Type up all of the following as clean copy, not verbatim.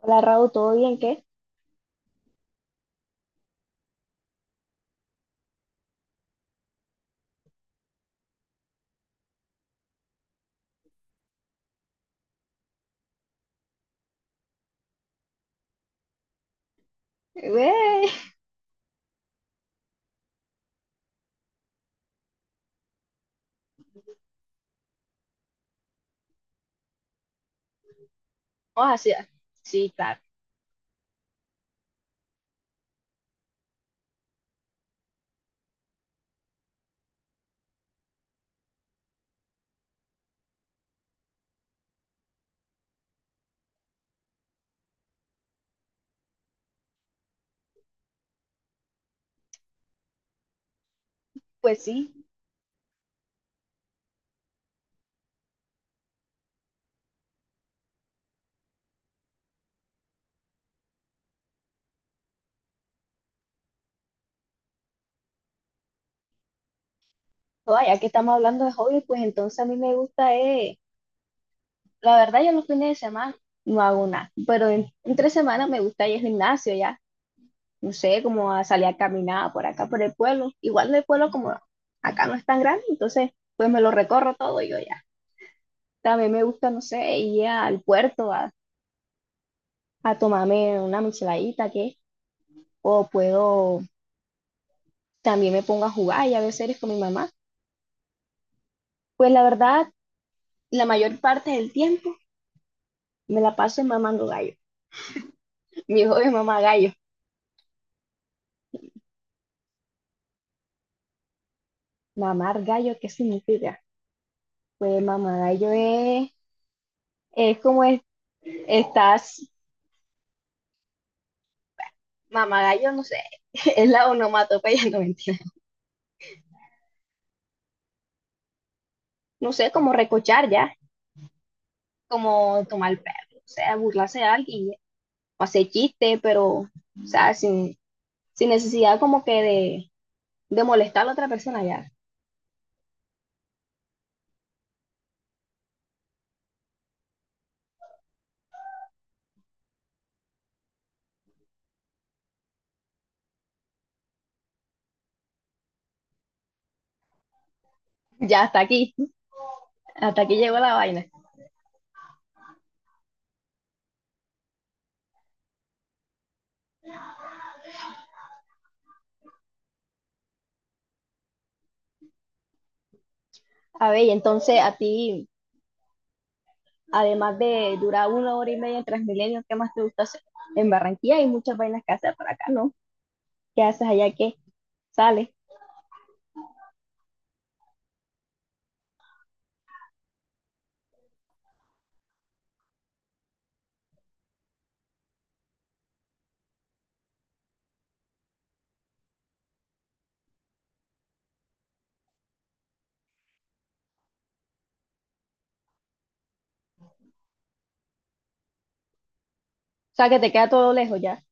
Hola Raúl, ¿todo bien? ¿Qué? Güey. Vamos hacia. Sí, claro. Pues sí. Oye, ya que estamos hablando de hobby, pues entonces a mí me gusta, la verdad yo los fines de semana no hago nada, pero entre semanas me gusta ir al gimnasio ya, no sé, como a salir a caminar por acá, por el pueblo. Igual el pueblo como acá no es tan grande, entonces pues me lo recorro todo yo ya. También me gusta, no sé, ir al puerto a tomarme una micheladita, ¿qué? O puedo, también me pongo a jugar y a ver series con mi mamá. Pues la verdad, la mayor parte del tiempo me la paso mamando gallo. Mi hobby es mamar gallo. Mamar gallo, ¿qué significa? Pues mamar gallo es, es como es- estás, mamar gallo, no sé, es la onomatopeya, no mentira. No sé, como recochar ya, como tomar el perro, o sea, burlarse de alguien, o hacer chiste, pero, o sea, sin necesidad como que de molestar a la otra persona ya. Ya hasta aquí llegó la vaina. A ver, y entonces a ti. Además de durar una hora y media en Transmilenio, ¿qué más te gusta hacer? En Barranquilla hay muchas vainas que hacer para acá, ¿no? ¿Qué haces allá que sales? O sea, que te queda todo lejos ya.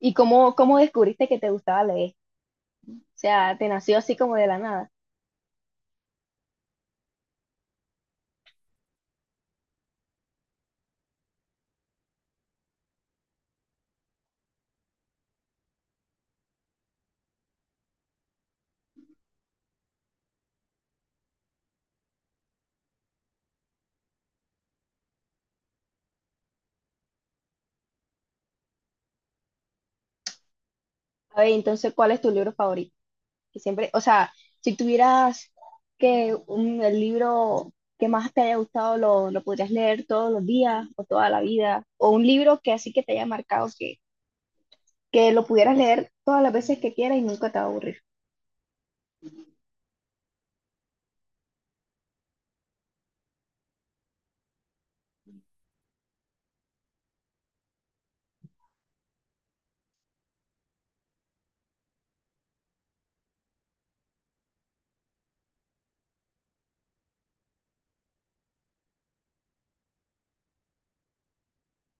¿Y cómo descubriste que te gustaba leer? O sea, te nació así como de la nada. A ver, entonces, ¿cuál es tu libro favorito? Que siempre, o sea, si tuvieras que un, el libro que más te haya gustado lo podrías leer todos los días o toda la vida, o un libro que así que te haya marcado, que lo pudieras leer todas las veces que quieras y nunca te va a aburrir.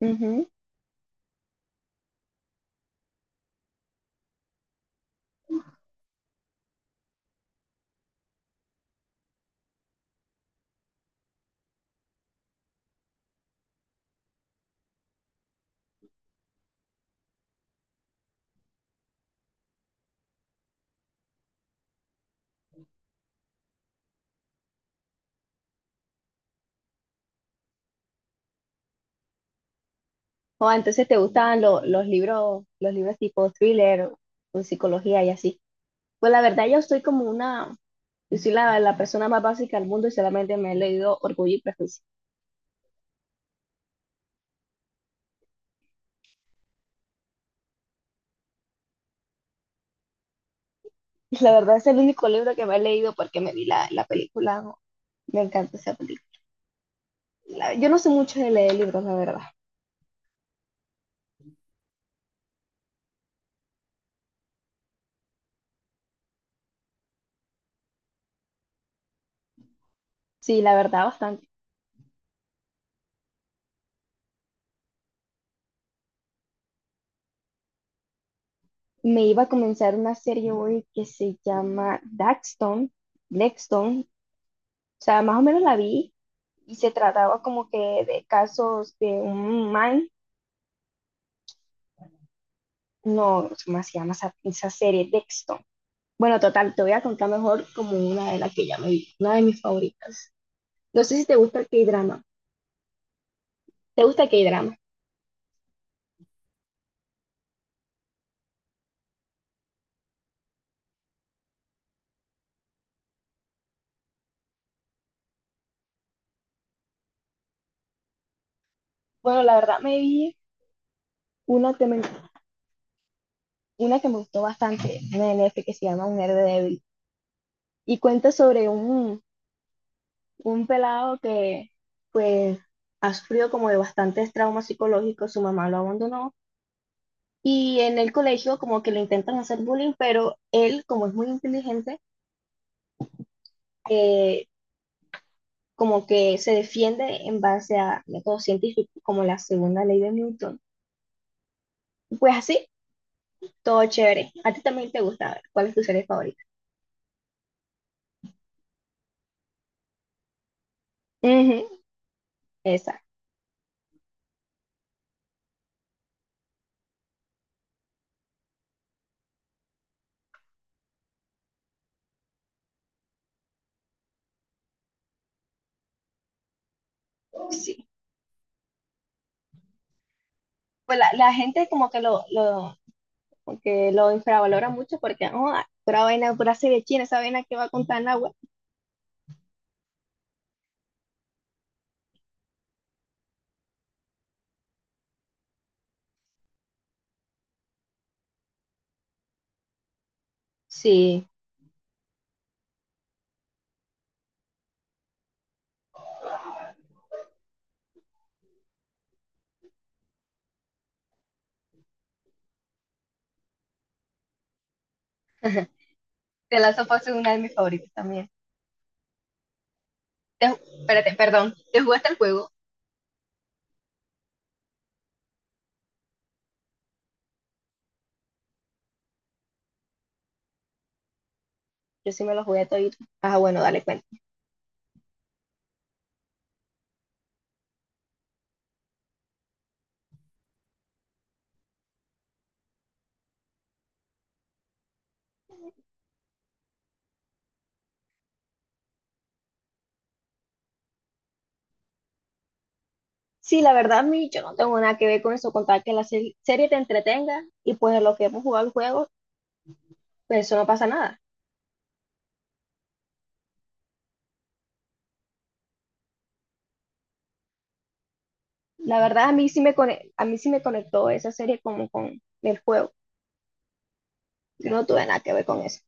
Ujú. O entonces te gustaban los libros tipo thriller o psicología y así. Pues la verdad yo soy como una, yo soy la persona más básica del mundo y solamente me he leído Orgullo y Prejuicio. La verdad es el único libro que me he leído porque me vi la película, ¿no? Me encanta esa película. La- yo no sé mucho de leer libros, la verdad. Sí, la verdad bastante. Me iba a comenzar una serie hoy que se llama Daxton, Blackstone. O sea, más o menos la vi y se trataba como que de casos de un man. No, ¿cómo se llama esa serie? Dexton. Bueno, total, te voy a contar mejor como una de las que ya me vi, una de mis favoritas. No sé si te gusta el K-drama. ¿Te gusta el K-drama? Bueno, la verdad me vi una que me, una que me gustó bastante, una de Netflix que se llama Un héroe débil. Y cuenta sobre un pelado que, pues, ha sufrido como de bastantes traumas psicológicos, su mamá lo abandonó. Y en el colegio como que le intentan hacer bullying, pero él, como es muy inteligente, eh, como que se defiende en base a métodos científicos, como la segunda ley de Newton. Y pues así, todo chévere. A ti también te gusta, a ver, ¿cuál es tu serie favorita? Ujú. Exacto, sí. Pues la gente como que como que lo infravalora mucho porque, oh, ah, pura vaina, pura serie china, esa vaina que va a contar en agua. Sí, The Last of Us es una de mis favoritas también. Espérate, perdón, ¿te jugaste el juego? Yo sí me lo jugué todito. Ah, bueno, dale cuenta. Sí, la verdad, a mí yo no tengo nada que ver con eso, contar que serie te entretenga y pues lo que hemos jugado el juego, pues eso no pasa nada. La verdad, a mí sí me conectó esa serie como con el juego. Yo no tuve nada que ver con eso.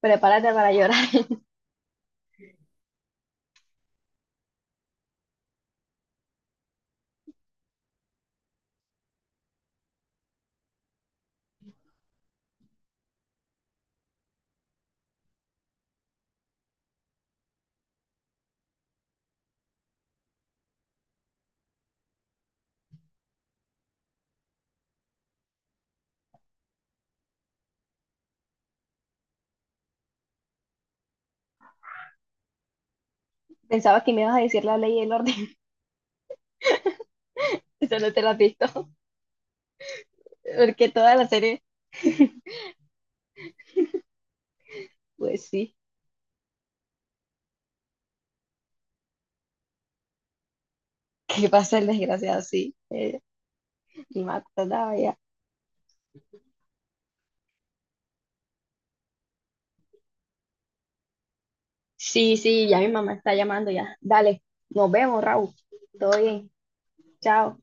Prepárate para llorar. Pensaba que me ibas a decir la ley y el orden. Eso no te lo has visto. Porque toda la serie, pues sí, ¿Qué pasa el desgraciado? Sí. Ni me acordaba ya. Sí, sí, ya mi mamá está llamando ya. Dale, nos vemos, Raúl. Todo bien. Chao.